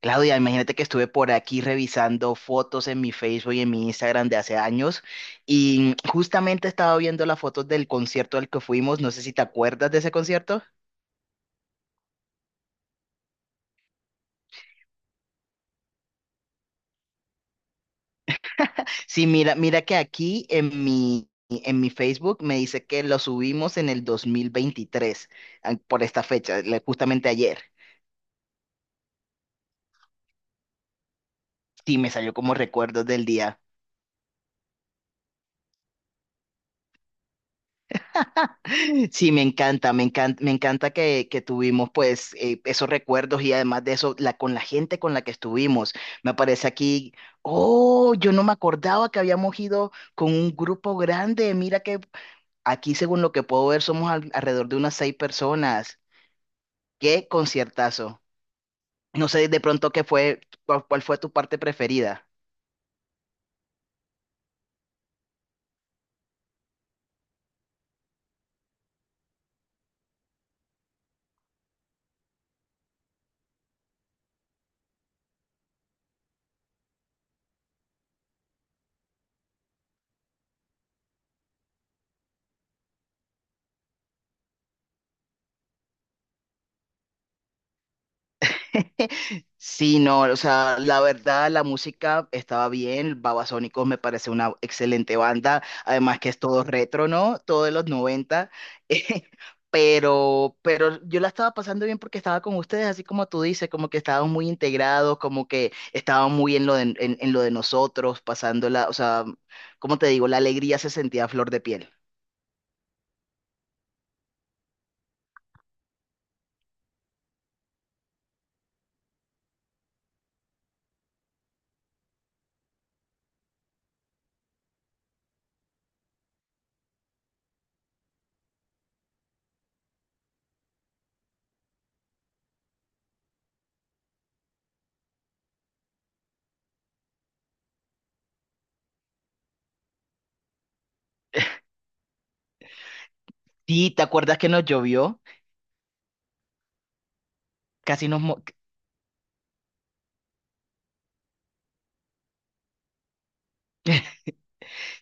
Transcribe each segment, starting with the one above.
Claudia, imagínate que estuve por aquí revisando fotos en mi Facebook y en mi Instagram de hace años y justamente estaba viendo las fotos del concierto al que fuimos. No sé si te acuerdas de ese concierto. Sí, mira que aquí en mi Facebook me dice que lo subimos en el 2023, por esta fecha, justamente ayer. Sí, me salió como recuerdos del día. Sí, me encanta que tuvimos pues esos recuerdos y además de eso, con la gente con la que estuvimos. Me aparece aquí, oh, yo no me acordaba que habíamos ido con un grupo grande. Mira que aquí, según lo que puedo ver, somos alrededor de unas seis personas. Qué conciertazo. No sé de pronto qué fue, cuál fue tu parte preferida. Sí, no, o sea, la verdad la música estaba bien. Babasónicos me parece una excelente banda, además que es todo retro, ¿no? Todo de los noventa. eh, pero yo la estaba pasando bien porque estaba con ustedes, así como tú dices, como que estaban muy integrados, como que estaban muy en lo de, en lo de nosotros, pasándola, o sea, como te digo, la alegría se sentía a flor de piel. Sí, ¿te acuerdas que nos llovió? Casi nos, mo-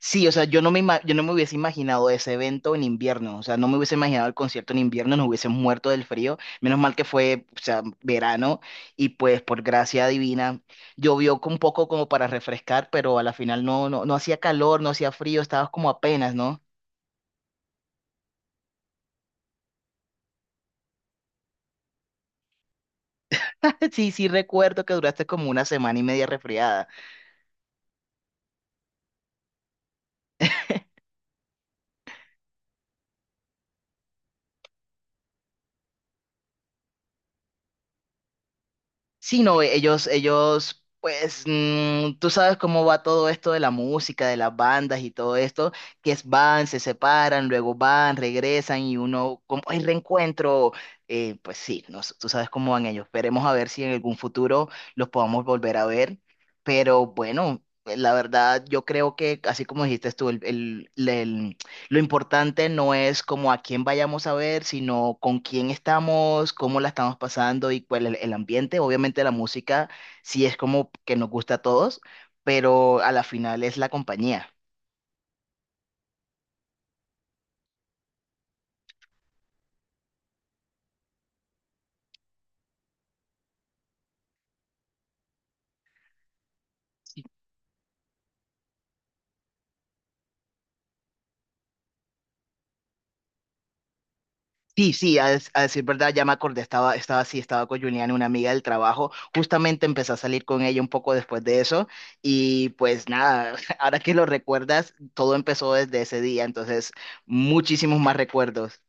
Sí, o sea, yo no me hubiese imaginado ese evento en invierno, o sea, no me hubiese imaginado el concierto en invierno, nos hubiésemos muerto del frío, menos mal que fue, o sea, verano, y pues por gracia divina llovió un poco como para refrescar, pero a la final no, no, no hacía calor, no hacía frío, estabas como apenas, ¿no? Sí, sí recuerdo que duraste como una semana y media resfriada. Sí, no, ellos, pues, mm, tú sabes cómo va todo esto de la música, de las bandas y todo esto, que es van, se separan, luego van, regresan y uno, como el reencuentro, pues sí, no sé, tú sabes cómo van ellos. Esperemos a ver si en algún futuro los podamos volver a ver, pero bueno, la verdad, yo creo que, así como dijiste tú, lo importante no es como a quién vayamos a ver, sino con quién estamos, cómo la estamos pasando y cuál es el ambiente. Obviamente la música sí es como que nos gusta a todos, pero a la final es la compañía. Sí, sí, a decir verdad, ya me acordé, estaba así, estaba con Juliana, una amiga del trabajo, justamente empecé a salir con ella un poco después de eso y pues nada, ahora que lo recuerdas, todo empezó desde ese día, entonces muchísimos más recuerdos.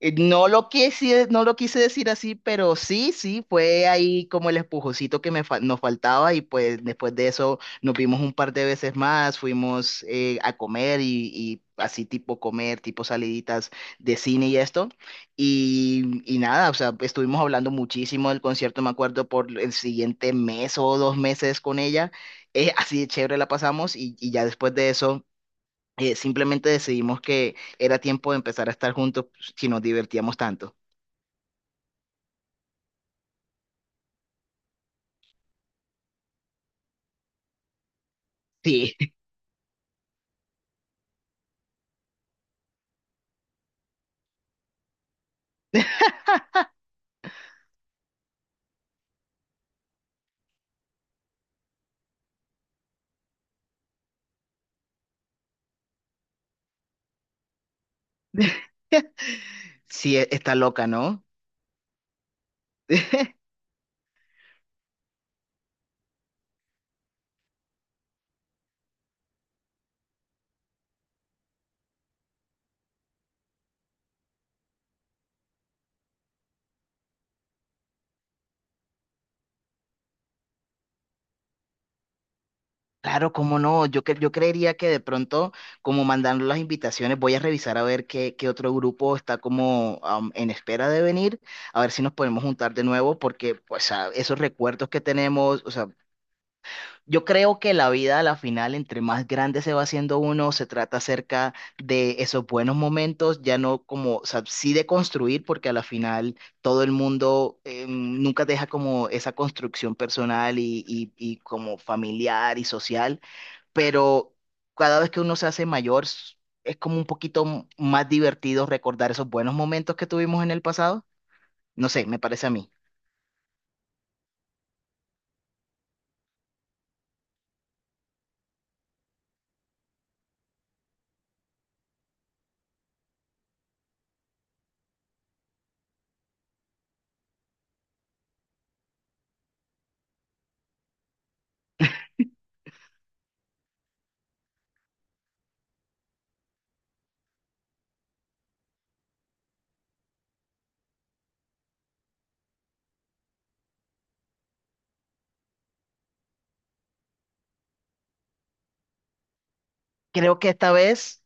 No lo quise, no lo quise decir así, pero sí, sí, fue ahí como el empujocito que nos faltaba y pues después de eso nos vimos un par de veces más, fuimos a comer y así tipo comer, tipo saliditas de cine y esto. Y nada, o sea, estuvimos hablando muchísimo del concierto, me acuerdo, por el siguiente mes o dos meses con ella. Así de chévere la pasamos y ya después de eso simplemente decidimos que era tiempo de empezar a estar juntos si nos divertíamos tanto. Sí, sí, está loca, ¿no? Claro, cómo no. Yo creería que de pronto, como mandando las invitaciones, voy a revisar a ver qué otro grupo está como am, en espera de venir, a ver si nos podemos juntar de nuevo, porque pues, esos recuerdos que tenemos, o sea, yo creo que la vida a la final, entre más grande se va haciendo uno, se trata acerca de esos buenos momentos, ya no como, o sea, sí de construir, porque a la final todo el mundo nunca deja como esa construcción personal y como familiar y social, pero cada vez que uno se hace mayor, es como un poquito más divertido recordar esos buenos momentos que tuvimos en el pasado. No sé, me parece a mí. Creo que esta vez...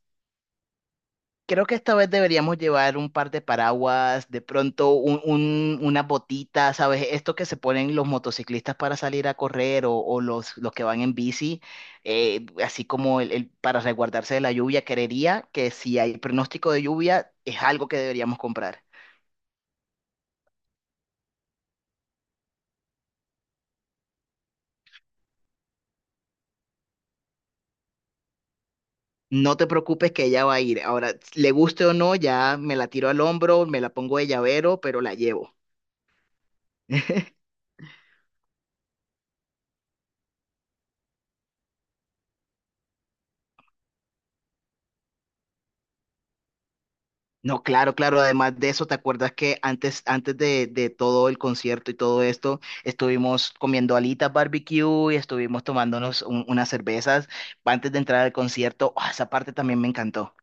Creo que esta vez deberíamos llevar un par de paraguas, de pronto unas botitas, ¿sabes? Esto que se ponen los motociclistas para salir a correr o los que van en bici, así como para resguardarse de la lluvia. Creería que si hay pronóstico de lluvia, es algo que deberíamos comprar. No te preocupes que ella va a ir. Ahora, le guste o no, ya me la tiro al hombro, me la pongo de llavero, pero la llevo. No, claro, claro. Además de eso, ¿te acuerdas que antes, antes de todo el concierto y todo esto, estuvimos comiendo alitas barbecue y estuvimos tomándonos unas cervezas antes de entrar al concierto? Ah, esa parte también me encantó.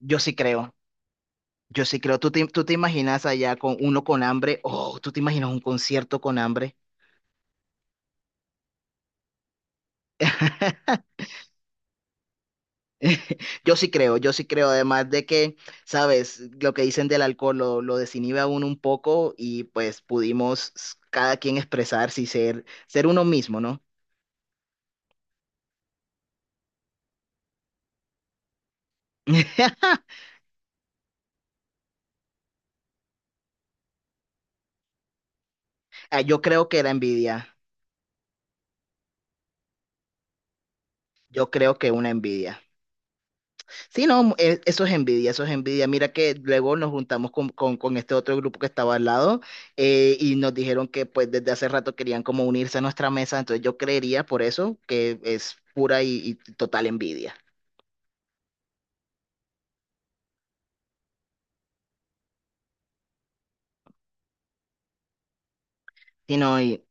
Yo sí creo, yo sí creo. Tú te imaginas allá con uno con hambre? Oh, ¿tú te imaginas un concierto con hambre? Yo sí creo, además de que, sabes, lo que dicen del alcohol lo desinhibe a uno un poco y pues pudimos cada quien expresarse y ser, ser uno mismo, ¿no? Yo creo que era envidia, yo creo que una envidia. Sí, no, eso es envidia, eso es envidia. Mira que luego nos juntamos con este otro grupo que estaba al lado, y nos dijeron que pues desde hace rato querían como unirse a nuestra mesa, entonces yo creería por eso que es pura y total envidia. Sí, no, y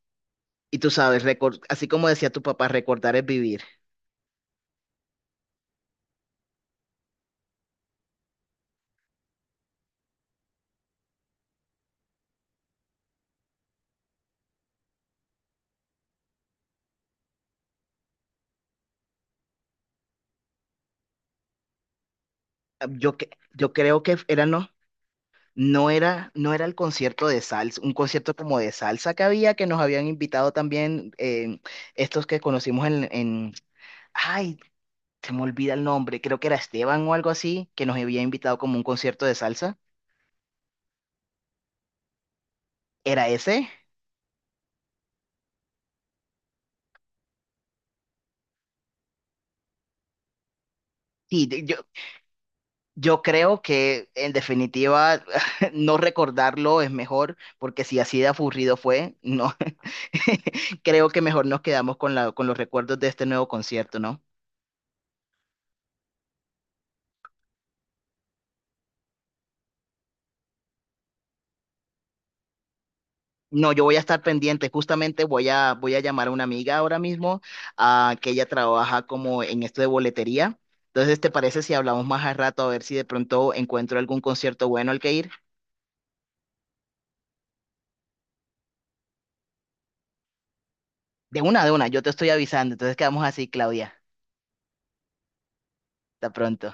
Y tú sabes, así como decía tu papá, recordar es vivir. Yo creo que era no, no era el concierto de salsa, un concierto como de salsa que había, que nos habían invitado también estos que conocimos en, ay, se me olvida el nombre, creo que era Esteban o algo así, que nos había invitado como un concierto de salsa. ¿Era ese? Sí, yo creo que en definitiva no recordarlo es mejor, porque si así de aburrido fue, no. Creo que mejor nos quedamos con la, con los recuerdos de este nuevo concierto, ¿no? No, yo voy a estar pendiente. Justamente voy a llamar a una amiga ahora mismo, que ella trabaja como en esto de boletería. Entonces, ¿te parece si hablamos más al rato a ver si de pronto encuentro algún concierto bueno al que ir? De una, yo te estoy avisando. Entonces quedamos así, Claudia. Hasta pronto.